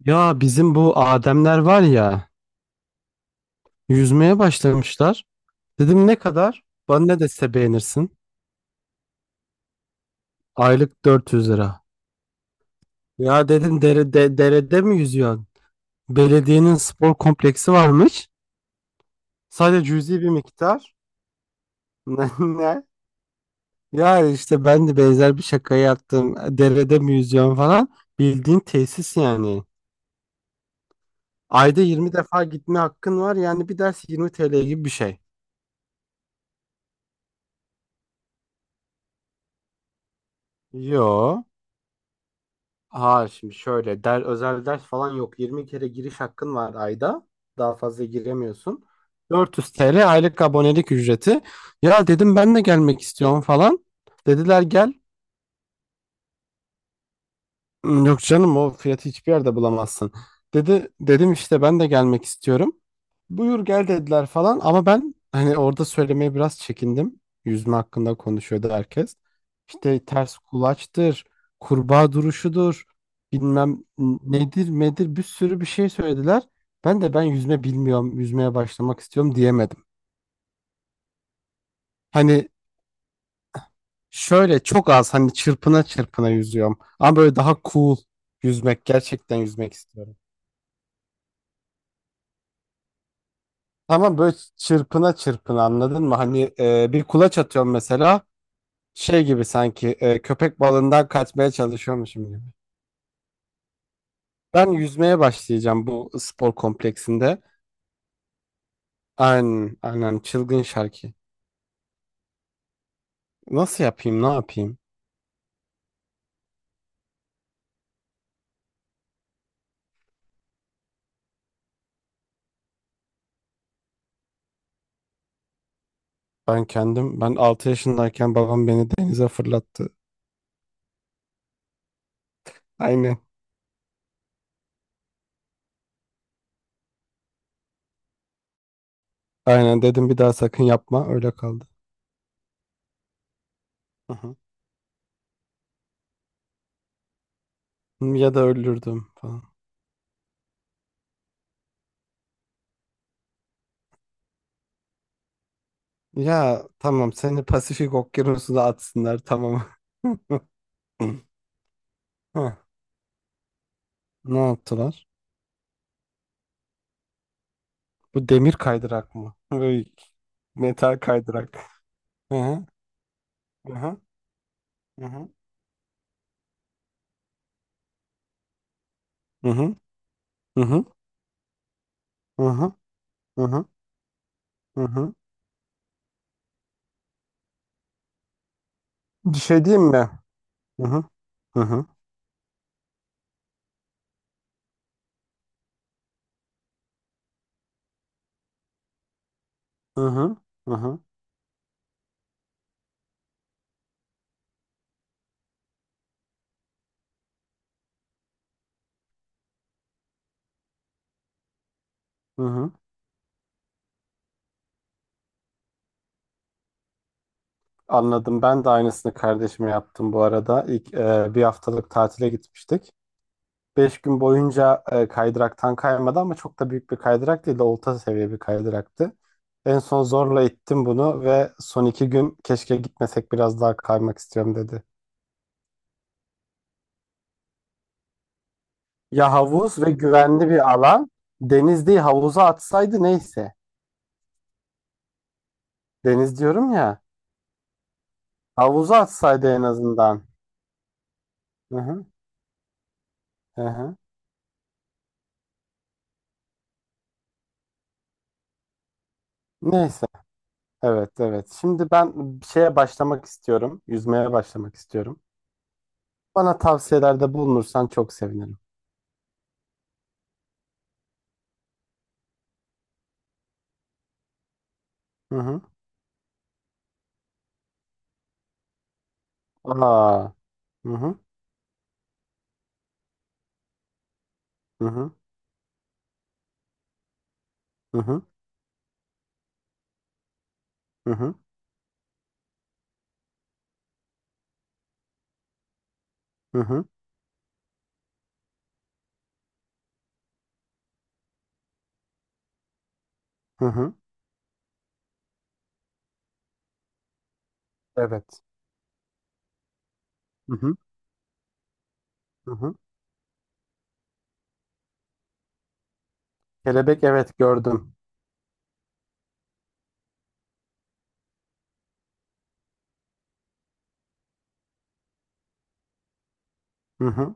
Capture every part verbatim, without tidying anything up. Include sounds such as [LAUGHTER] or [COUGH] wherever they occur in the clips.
Ya bizim bu Ademler var ya yüzmeye başlamışlar. Dedim ne kadar? Bana ne dese beğenirsin. Aylık dört yüz lira. Ya dedim dere, de- derede mi yüzüyorsun? Belediyenin spor kompleksi varmış. Sadece cüzi bir miktar. [LAUGHS] Ne? Ne? Ya işte ben de benzer bir şaka yaptım. Derede mi yüzüyorsun falan. Bildiğin tesis yani. Ayda yirmi defa gitme hakkın var. Yani bir ders yirmi T L gibi bir şey. Yo. Ha şimdi şöyle der, özel ders falan yok. yirmi kere giriş hakkın var ayda. Daha fazla giremiyorsun. dört yüz T L aylık abonelik ücreti. Ya dedim ben de gelmek istiyorum falan. Dediler gel. "Hmm, Yok canım o fiyatı hiçbir yerde bulamazsın. Dedi dedim işte ben de gelmek istiyorum. Buyur gel dediler falan ama ben hani orada söylemeye biraz çekindim. Yüzme hakkında konuşuyordu herkes. İşte ters kulaçtır, kurbağa duruşudur, bilmem nedir medir bir sürü bir şey söylediler. Ben de ben yüzme bilmiyorum, yüzmeye başlamak istiyorum diyemedim. Hani şöyle çok az hani çırpına çırpına yüzüyorum. Ama böyle daha cool yüzmek, gerçekten yüzmek istiyorum. Ama böyle çırpına çırpına anladın mı? Hani e, bir kulaç atıyorum mesela. Şey gibi sanki e, köpek balığından kaçmaya çalışıyormuşum gibi. Ben yüzmeye başlayacağım bu spor kompleksinde. Aynen, aynen çılgın şarkı. Nasıl yapayım, ne yapayım? Ben kendim, ben altı yaşındayken babam beni denize fırlattı. Aynen. Aynen dedim bir daha sakın yapma, öyle kaldı. Hı hı. Ya da öldürdüm falan. Ya tamam seni Pasifik Okyanusu'na atsınlar tamam. [LAUGHS] Heh, ne yaptılar? Bu demir kaydırak mı? Böyle metal kaydırak. Hı hı. Hı hı. Hı hı. Hı hı. Hı hı. Hı hı. Hı hı. Bir şey diyeyim mi? Hı hı. Hı hı. Hı hı. Hı hı. Hı hı. Anladım. Ben de aynısını kardeşime yaptım bu arada. İlk e, bir haftalık tatile gitmiştik. Beş gün boyunca e, kaydıraktan kaymadı ama çok da büyük bir kaydırak değil de orta seviye bir kaydıraktı. En son zorla ittim bunu ve son iki gün keşke gitmesek biraz daha kaymak istiyorum dedi. Ya havuz ve güvenli bir alan. Deniz değil havuza atsaydı neyse. Deniz diyorum ya. Havuza atsaydı en azından. Hı hı, hı hı. Neyse. Evet evet. Şimdi ben bir şeye başlamak istiyorum. Yüzmeye başlamak istiyorum. Bana tavsiyelerde bulunursan çok sevinirim. Hı hı. Aa. Hı hı. Hı hı. Hı hı. Hı hı. Hı hı. Hı hı. Evet. Hı hı. Hı hı. Kelebek evet gördüm. Hı hı.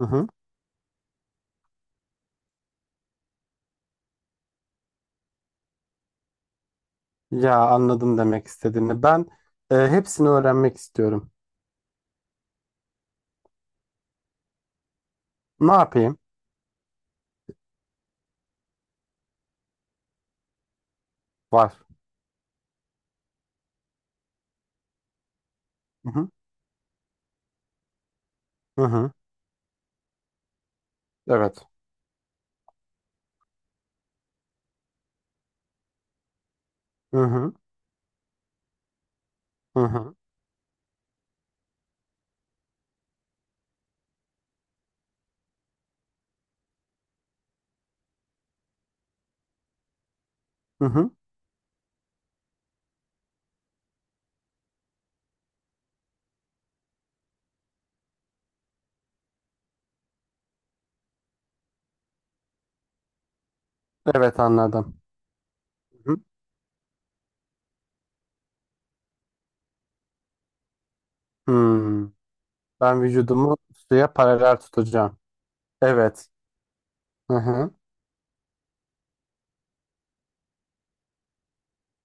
Hı hı. Ya anladım demek istediğini. Ben e, hepsini öğrenmek istiyorum. Ne yapayım? Var. Hı hı. Hı hı. Evet. Hı hı. Hı hı. Hı hı. Evet anladım. Hı hı. Hmm. Ben vücudumu suya paralel tutacağım. Evet. Hı hı.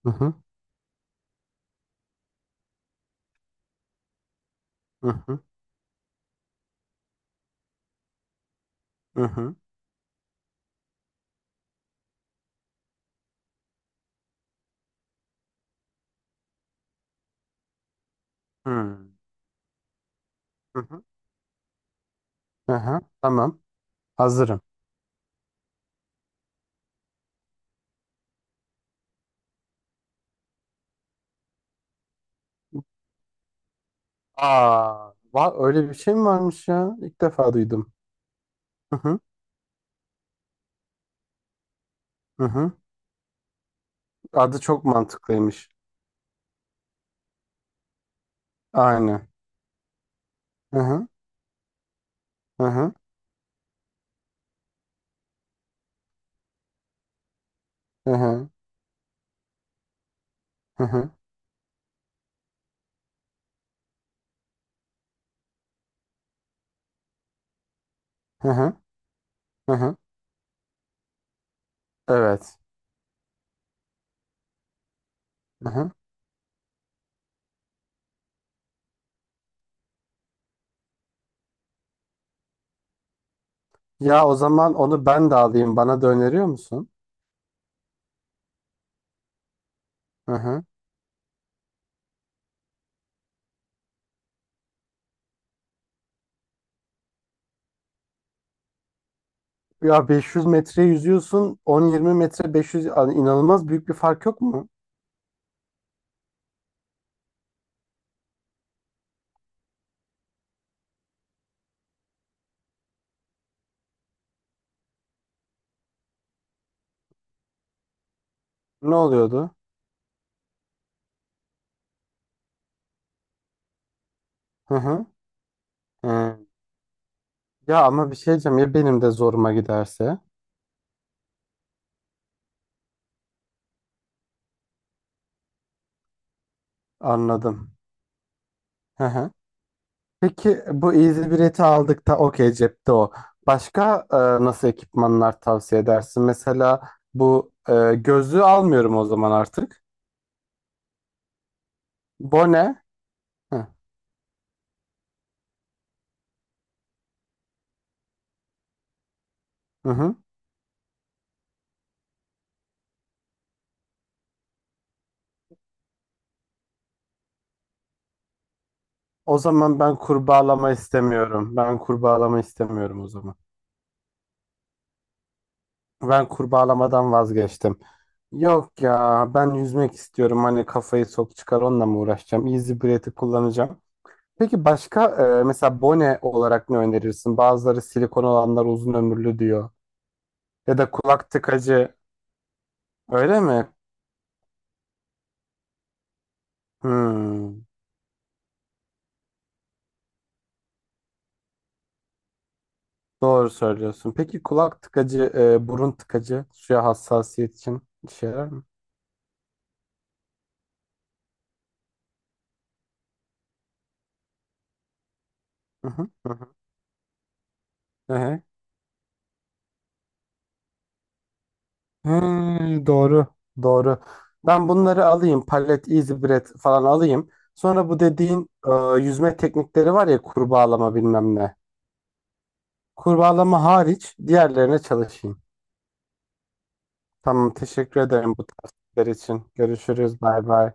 Hı hı. Hı hı. Hı hı. Hmm. Hı hı. Hı hı. Tamam. Hazırım. Aa, va öyle bir şey mi varmış ya? İlk defa duydum. Hı hı. Hı hı. Adı çok mantıklıymış. Aynen. Hı hı. Hı hı. Hı hı. Hı hı. Hı hı. Hı hı. Evet. Hı hı. Ya o zaman onu ben de alayım. Bana da öneriyor musun? Hı hı. Ya beş yüz metre yüzüyorsun, on yirmi metre beş yüz yani inanılmaz büyük bir fark yok mu? Ne oluyordu? Hı hı. Hı. Ya ama bir şey diyeceğim ya benim de zoruma giderse. Anladım. Hı hı. Peki bu easy bileti aldık da okey cepte o. Başka e, nasıl ekipmanlar tavsiye edersin? Mesela bu e, gözlüğü almıyorum o zaman artık. Bone. Hı hı. Hı. O zaman ben kurbağalama istemiyorum. Ben kurbağalama istemiyorum o zaman. Ben kurbağalamadan vazgeçtim. Yok ya ben yüzmek istiyorum. Hani kafayı sok çıkar onunla mı uğraşacağım? Easy Breath'i kullanacağım. Peki başka e, mesela bone olarak ne önerirsin? Bazıları silikon olanlar uzun ömürlü diyor. Ya da kulak tıkacı öyle mi? Hmm, doğru söylüyorsun. Peki kulak tıkacı, e, burun tıkacı suya hassasiyet için işe yarar mı? Hı hı, hı hı. Ehe. Hmm, doğru, doğru. Ben bunları alayım, palet, easy bread falan alayım. Sonra bu dediğin e, yüzme teknikleri var ya kurbağalama bilmem ne. Kurbağalama hariç diğerlerine çalışayım. Tamam, teşekkür ederim bu tavsiyeler için. Görüşürüz, bay bay.